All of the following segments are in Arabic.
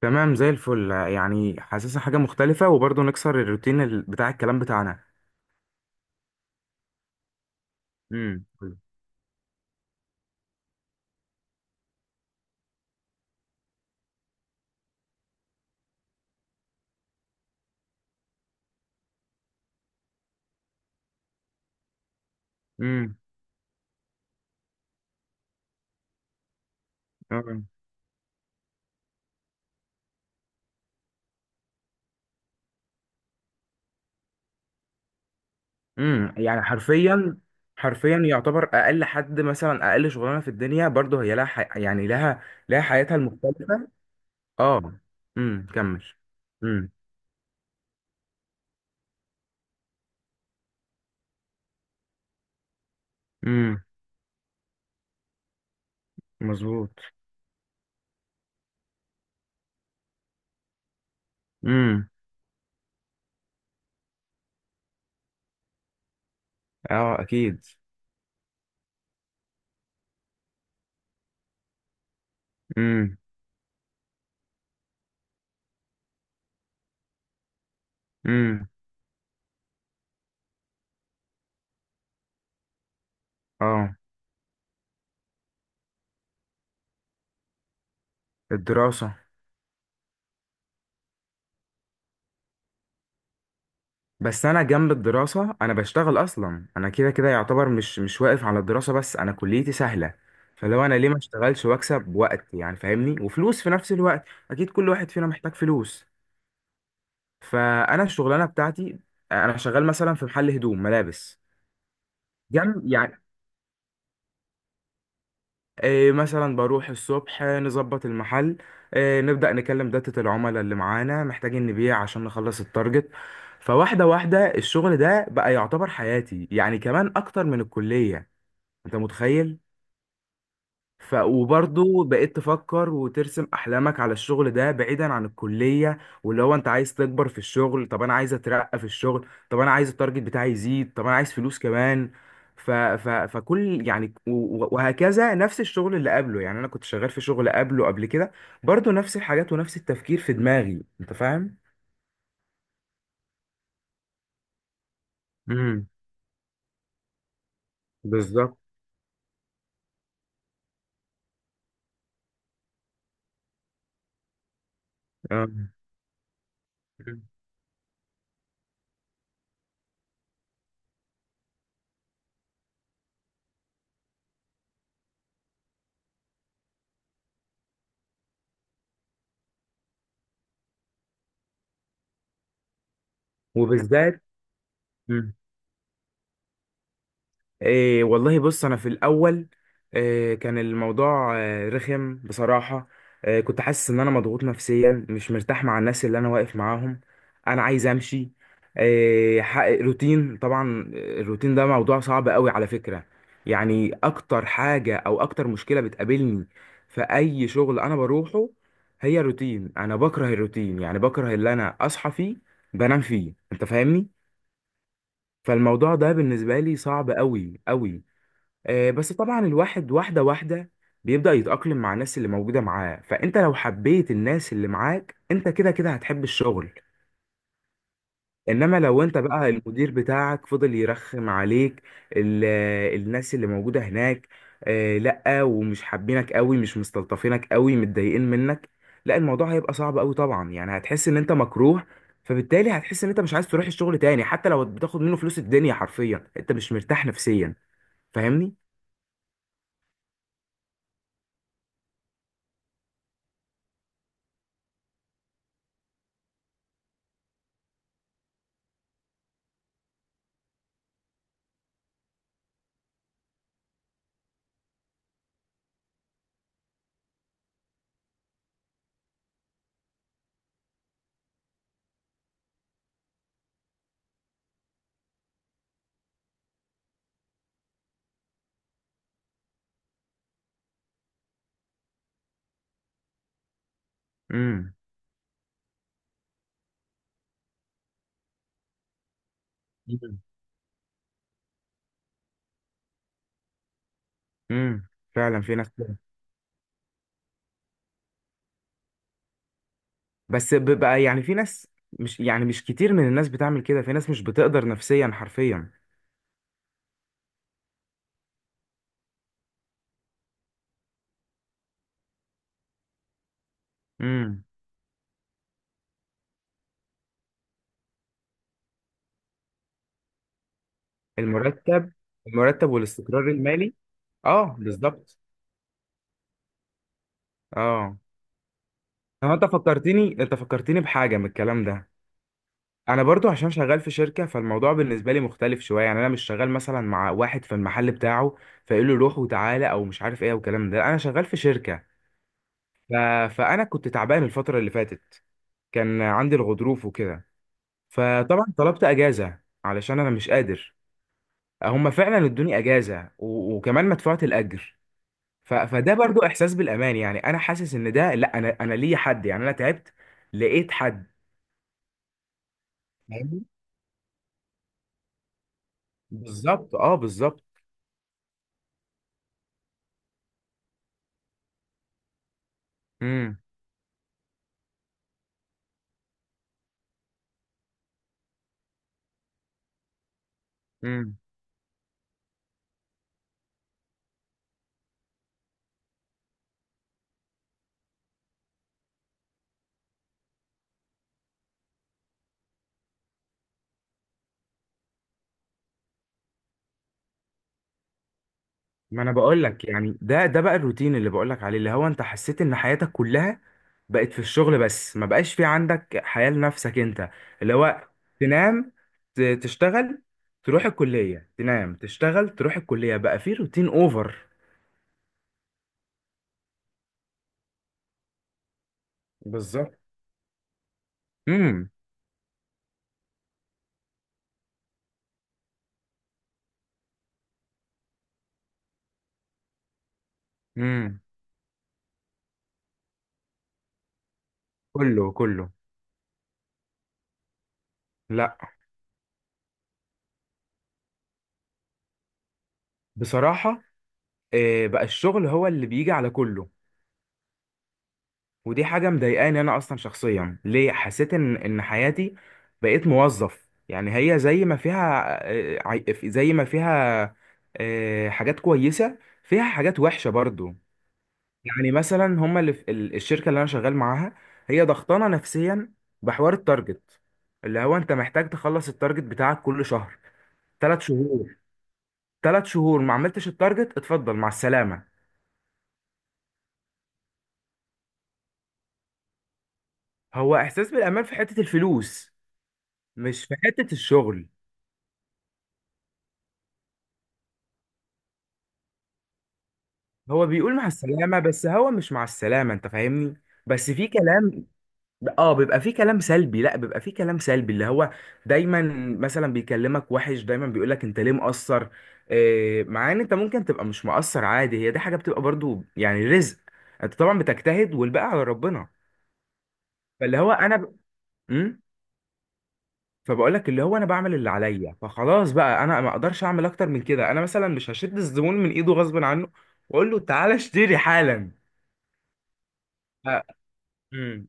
تمام زي الفل يعني حاسسها حاجة مختلفة وبرضه نكسر الروتين بتاع الكلام بتاعنا. امم. امم. يعني حرفيا يعتبر أقل حد مثلا أقل شغلانة في الدنيا برضه هي لها يعني لها حياتها المختلفة. اه. كمل. امم. امم. مظبوط. امم. اه، اكيد. امم. امم. اه. الدراسة. بس انا جنب الدراسه انا بشتغل اصلا، انا كده كده يعتبر مش واقف على الدراسه بس، انا كليتي سهله. فلو انا ليه ما اشتغلش واكسب وقت يعني فاهمني وفلوس في نفس الوقت. اكيد كل واحد فينا محتاج فلوس. فانا الشغلانه بتاعتي انا شغال مثلا في محل هدوم ملابس. جنب يعني. إيه مثلا بروح الصبح، نظبط المحل. إيه نبدا نكلم داتا العملاء اللي معانا محتاجين نبيع عشان نخلص التارجت. فواحده واحده الشغل ده بقى يعتبر حياتي يعني كمان اكتر من الكليه. انت متخيل؟ وبرضه بقيت تفكر وترسم احلامك على الشغل ده بعيدا عن الكليه. واللي هو انت عايز تكبر في الشغل. طب انا عايز اترقى في الشغل. طب انا عايز التارجت بتاعي يزيد. طب انا عايز فلوس كمان. ف ف فكل يعني وهكذا نفس الشغل اللي قبله. يعني انا كنت شغال في شغل قبله قبل كده برضه نفس الحاجات ونفس التفكير في دماغي، انت فاهم؟ امم. بالظبط. آه. مم. وبالذات. مم. إيه والله بص انا في الاول. إيه كان الموضوع إيه رخم بصراحه. إيه كنت حاسس ان انا مضغوط نفسيا مش مرتاح مع الناس اللي انا واقف معاهم. انا عايز امشي. إيه حقق روتين، طبعا الروتين ده موضوع صعب قوي على فكره. يعني اكتر حاجه او اكتر مشكله بتقابلني في اي شغل انا بروحه هي الروتين. انا بكره الروتين يعني بكره اللي انا اصحى فيه بنام فيه، انت فاهمني؟ فالموضوع ده بالنسبه لي صعب قوي قوي. آه، بس طبعا الواحد واحدة واحدة بيبدأ يتأقلم مع الناس اللي موجودة معاه. فأنت لو حبيت الناس اللي معاك أنت كده كده هتحب الشغل. إنما لو أنت بقى المدير بتاعك فضل يرخم عليك، ال- الناس اللي موجودة هناك آه، لأ، ومش حابينك قوي مش مستلطفينك قوي متضايقين منك، لأ الموضوع هيبقى صعب قوي طبعا، يعني هتحس إن أنت مكروه. فبالتالي هتحس إن أنت مش عايز تروح الشغل تاني حتى لو بتاخد منه فلوس الدنيا، حرفيا أنت مش مرتاح نفسيا. فاهمني؟ امم. امم. فعلا في ناس كده. بس بيبقى يعني في ناس مش كتير من الناس بتعمل كده، في ناس مش بتقدر نفسيا حرفيا. امم. المرتب. المرتب والاستقرار المالي. اه، بالظبط. اه. طب انت فكرتني، انت فكرتني بحاجه من الكلام ده. انا برضو عشان شغال في شركه فالموضوع بالنسبه لي مختلف شويه، يعني انا مش شغال مثلا مع واحد في المحل بتاعه فيقول له روح وتعالى او مش عارف ايه والكلام ده، انا شغال في شركه. ف... فانا كنت تعبان الفتره اللي فاتت، كان عندي الغضروف وكده. فطبعا طلبت اجازه علشان انا مش قادر. هم فعلا ادوني اجازه وكمان مدفوعه الاجر. فده برضو احساس بالامان، يعني انا حاسس ان ده لا، انا ليا حد، يعني انا تعبت لقيت حد. فاهمني؟ بالظبط، اه، بالظبط. امم. امم. ما انا بقول لك يعني ده بقى الروتين اللي بقول لك عليه. اللي هو انت حسيت ان حياتك كلها بقت في الشغل بس، ما بقاش في عندك حياة لنفسك انت. اللي هو تنام تشتغل تروح الكلية، تنام تشتغل تروح الكلية، بقى في روتين اوفر. بالظبط. امم. امم. كله كله. لا. بصراحة، بقى الشغل هو اللي بيجي على كله. ودي حاجة مضايقاني انا اصلا شخصيا، ليه حسيت ان حياتي بقيت موظف. يعني هي زي ما فيها زي ما فيها حاجات كويسة، فيها حاجات وحشة برضو. يعني مثلا هما اللي في الشركه اللي انا شغال معاها هي ضغطانه نفسيا بحوار التارجت، اللي هو انت محتاج تخلص التارجت بتاعك كل شهر. 3 شهور. 3 شهور ما عملتش التارجت اتفضل مع السلامه. هو احساس بالامان في حته الفلوس مش في حته الشغل. هو بيقول مع السلامه، بس هو مش مع السلامه، انت فاهمني، بس في كلام. اه، بيبقى فيه كلام سلبي، لا بيبقى فيه كلام سلبي، اللي هو دايما مثلا بيكلمك وحش، دايما بيقولك انت ليه مقصر. إيه مع ان انت ممكن تبقى مش مقصر عادي، هي دي حاجة بتبقى برضو يعني رزق، انت طبعا بتجتهد والباقي على ربنا. فاللي هو انا امم فبقولك اللي هو انا بعمل اللي عليا فخلاص بقى، انا ما اقدرش اعمل اكتر من كده، انا مثلا مش هشد الزبون من ايده غصب عنه واقول له تعالى اشتري حالا. ف... امم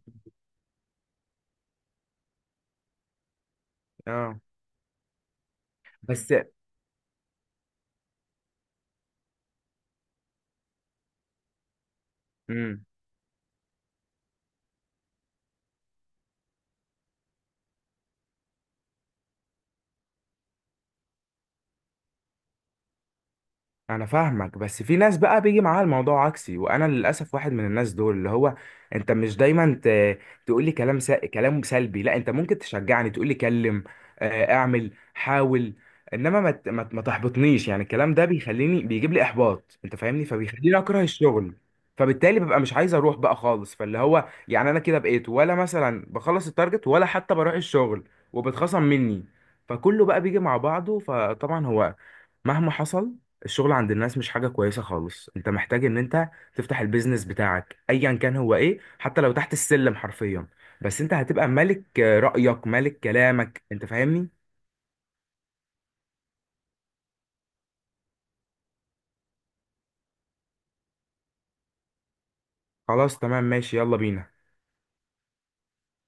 اه، بس امم انا فاهمك، بس في ناس بقى بيجي معاها الموضوع عكسي، وانا للاسف واحد من الناس دول، اللي هو انت مش دايما تقول لي كلام سلبي. لا، انت ممكن تشجعني تقول لي كلم، اعمل حاول. انما ما تحبطنيش، يعني الكلام ده بيخليني بيجيب لي احباط انت فاهمني، فبيخليني اكره الشغل. فبالتالي ببقى مش عايز اروح بقى خالص، فاللي هو يعني انا كده بقيت ولا مثلا بخلص التارجت ولا حتى بروح الشغل وبتخصم مني، فكله بقى بيجي مع بعضه، فطبعا هو مهما حصل الشغل عند الناس مش حاجة كويسة خالص. انت محتاج ان انت تفتح البيزنس بتاعك ايا كان هو ايه، حتى لو تحت السلم حرفيا، بس انت هتبقى ملك، رأيك ملك كلامك، انت فاهمني. خلاص تمام ماشي، يلا بينا.